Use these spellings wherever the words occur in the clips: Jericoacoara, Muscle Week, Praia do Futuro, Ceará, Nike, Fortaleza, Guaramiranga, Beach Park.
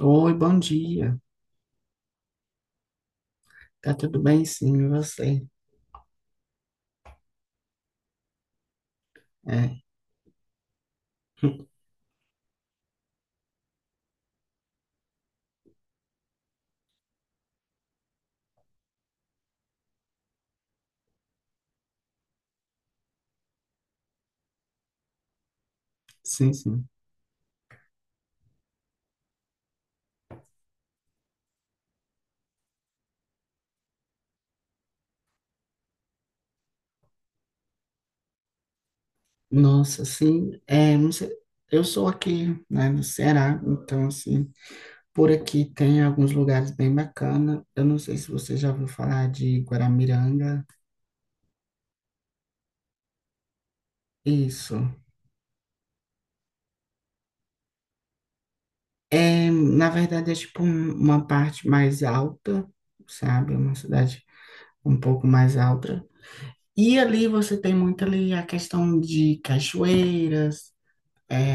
Oi, bom dia. Tá tudo bem, sim, e você? É. Sim, sim. Nossa, assim, é, não sei, eu sou aqui, né, no Ceará, então, assim, por aqui tem alguns lugares bem bacanas. Eu não sei se você já ouviu falar de Guaramiranga. Isso. É, na verdade, é tipo uma parte mais alta, sabe? É uma cidade um pouco mais alta. E ali você tem muito ali a questão de cachoeiras, é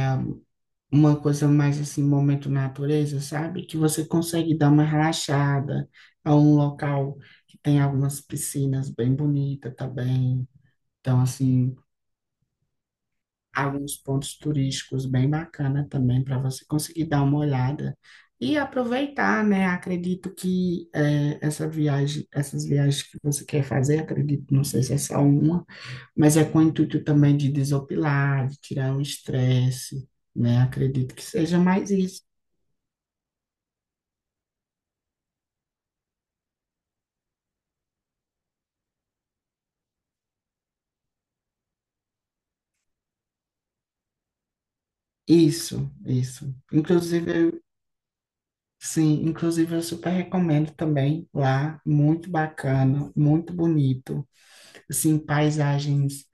uma coisa mais assim, momento natureza, sabe? Que você consegue dar uma relaxada. É um local que tem algumas piscinas bem bonitas também. Então, assim, alguns pontos turísticos bem bacana também para você conseguir dar uma olhada e aproveitar, né? Acredito que essa viagem, essas viagens que você quer fazer, acredito, não sei se é só uma, mas é com o intuito também de desopilar, de tirar o estresse, né? Acredito que seja mais isso. Isso, isso. Inclusive, sim, inclusive eu super recomendo também lá, muito bacana, muito bonito, assim, paisagens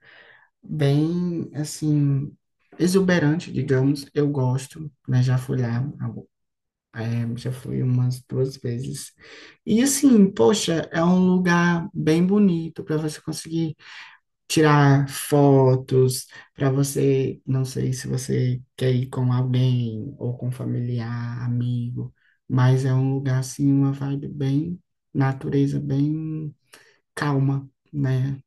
bem, assim, exuberante, digamos. Eu gosto, né? Já fui lá, já fui umas duas vezes. E, assim, poxa, é um lugar bem bonito para você conseguir tirar fotos, para você, não sei se você quer ir com alguém ou com familiar, amigo, mas é um lugar, assim, uma vibe bem natureza, bem calma. Né?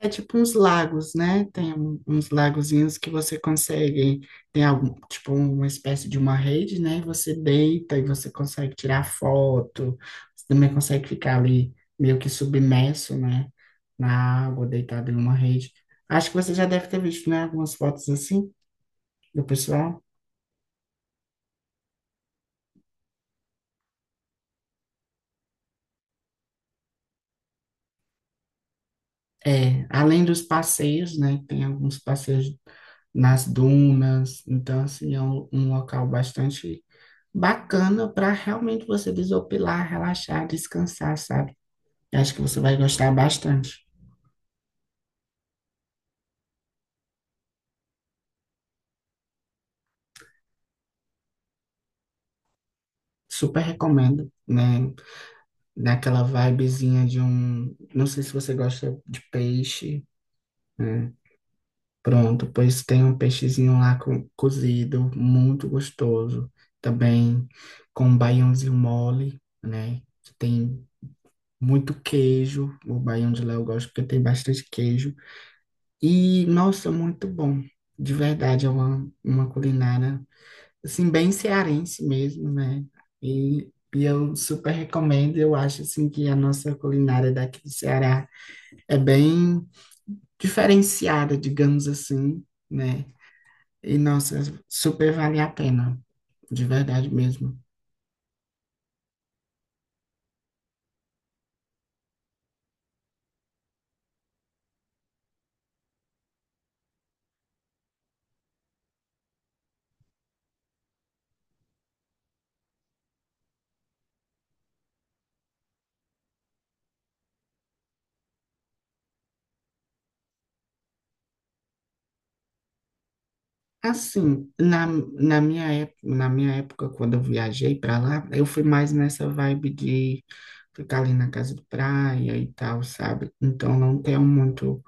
É tipo uns lagos, né? Tem uns lagozinhos que você consegue, tem algum, tipo uma espécie de uma rede, né? E você deita e você consegue tirar foto, você também consegue ficar ali meio que submerso, né? Na água, deitado em uma rede. Acho que você já deve ter visto, né? Algumas fotos assim do pessoal. É, além dos passeios, né? Tem alguns passeios nas dunas, então assim é um local bastante bacana para realmente você desopilar, relaxar, descansar, sabe? Eu acho que você vai gostar bastante. Super recomendo, né? Naquela vibezinha de um. Não sei se você gosta de peixe, né? Pronto, pois tem um peixezinho lá cozido, muito gostoso. Também com um baiãozinho mole, né? Que tem muito queijo. O baião de Léo eu gosto porque tem bastante queijo. E, nossa, muito bom. De verdade, é uma culinária, assim, bem cearense mesmo, né? E, e eu super recomendo. Eu acho, assim, que a nossa culinária daqui do Ceará é bem diferenciada, digamos assim, né? E, nossa, super vale a pena. De verdade mesmo. Assim, na minha, na minha época, quando eu viajei para lá, eu fui mais nessa vibe de ficar ali na casa de praia e tal, sabe? Então não tenho muito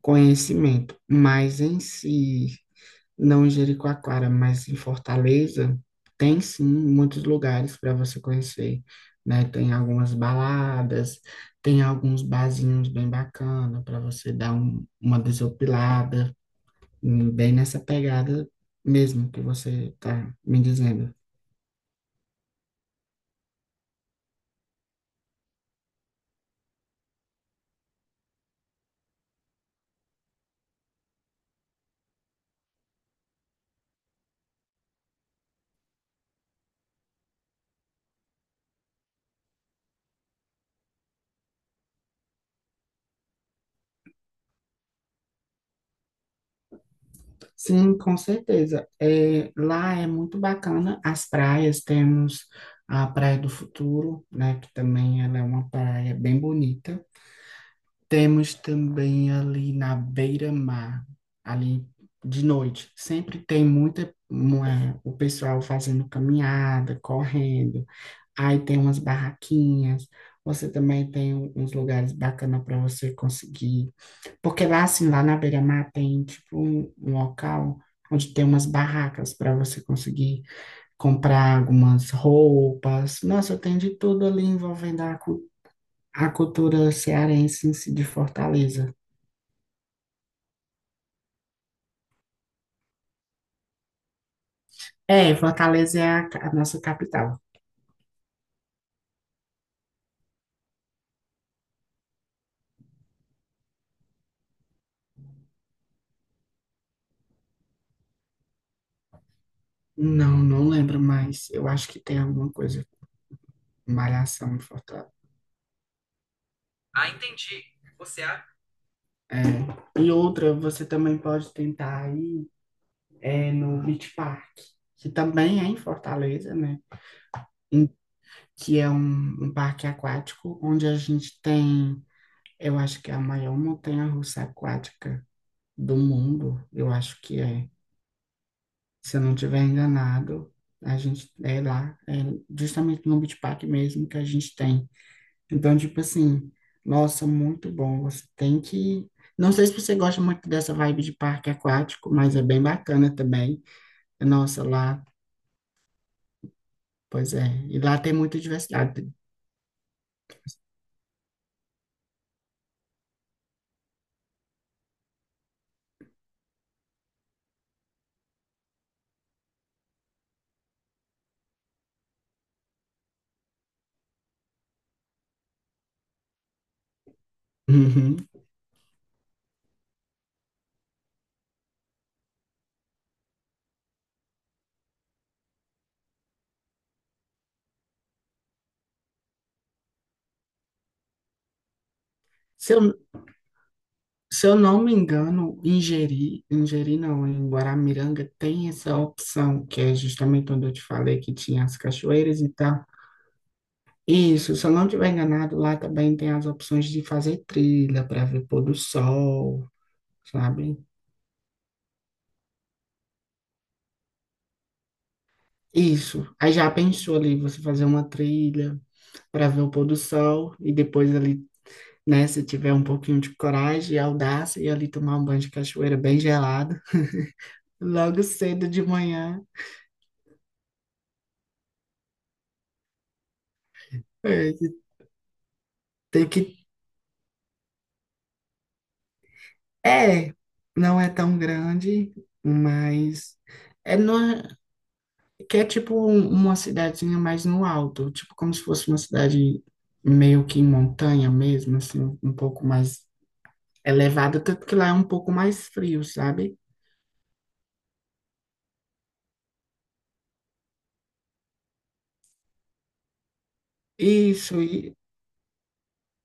conhecimento, mas em si, não em Jericoacoara, mas em Fortaleza, tem sim muitos lugares para você conhecer, né? Tem algumas baladas, tem alguns barzinhos bem bacana para você dar uma desopilada bem nessa pegada mesmo que você está me dizendo. Sim, com certeza. É, lá é muito bacana as praias, temos a Praia do Futuro, né, que também ela é uma praia bem bonita. Temos também ali na beira-mar, ali de noite, sempre tem o pessoal fazendo caminhada, correndo. Aí tem umas barraquinhas, você também tem uns lugares bacanas para você conseguir. Porque lá, assim, lá na beira-mar tem, tipo, um local onde tem umas barracas para você conseguir comprar algumas roupas. Nossa, tem de tudo ali envolvendo a cultura cearense em si de Fortaleza. É, Fortaleza é a nossa capital. Não, não lembro mais. Eu acho que tem alguma coisa, malhação em Fortaleza. Ah, entendi. Você acha? É. E outra, você também pode tentar ir no Beach Park, que também é em Fortaleza, né? em- que é um, um parque aquático, onde a gente tem, eu acho que é a maior montanha-russa aquática do mundo, eu acho que é. Se eu não estiver enganado, a gente é lá, é justamente no Beach Park mesmo que a gente tem. Então, tipo assim, nossa, muito bom. Você tem que. Não sei se você gosta muito dessa vibe de parque aquático, mas é bem bacana também. Nossa, lá, pois é. E lá tem muita diversidade. Uhum. Se eu Se eu não me engano, em Jeri não, em Guaramiranga tem essa opção, que é justamente onde eu te falei que tinha as cachoeiras e tal. Isso, se eu não estiver enganado, lá também tem as opções de fazer trilha para ver pôr do sol, sabe? Isso. Aí já pensou ali você fazer uma trilha para ver o pôr do sol e depois ali, né, se tiver um pouquinho de coragem e audácia e ali tomar um banho de cachoeira bem gelado, logo cedo de manhã. É, tem que. É, não é tão grande, mas é numa, que é tipo uma cidadezinha mais no alto, tipo como se fosse uma cidade meio que em montanha mesmo, assim, um pouco mais elevada, tanto que lá é um pouco mais frio, sabe? Isso, e-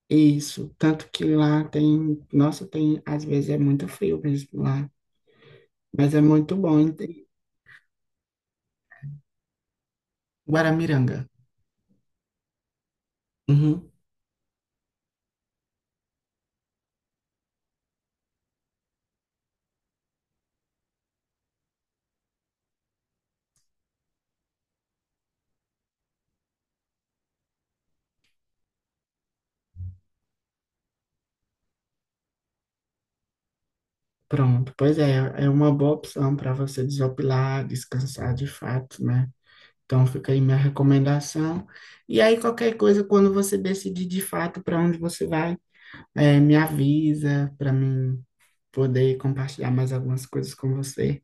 isso, tanto que lá tem, nossa, tem, às vezes é muito frio mesmo lá, mas é muito bom, hein? Tem Guaramiranga. Pronto, pois é, é uma boa opção para você desopilar, descansar de fato, né? Então fica aí minha recomendação. E aí qualquer coisa, quando você decidir de fato para onde você vai, me avisa para mim poder compartilhar mais algumas coisas com você.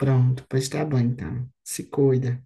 Pronto, pois tá bom então. Se cuida.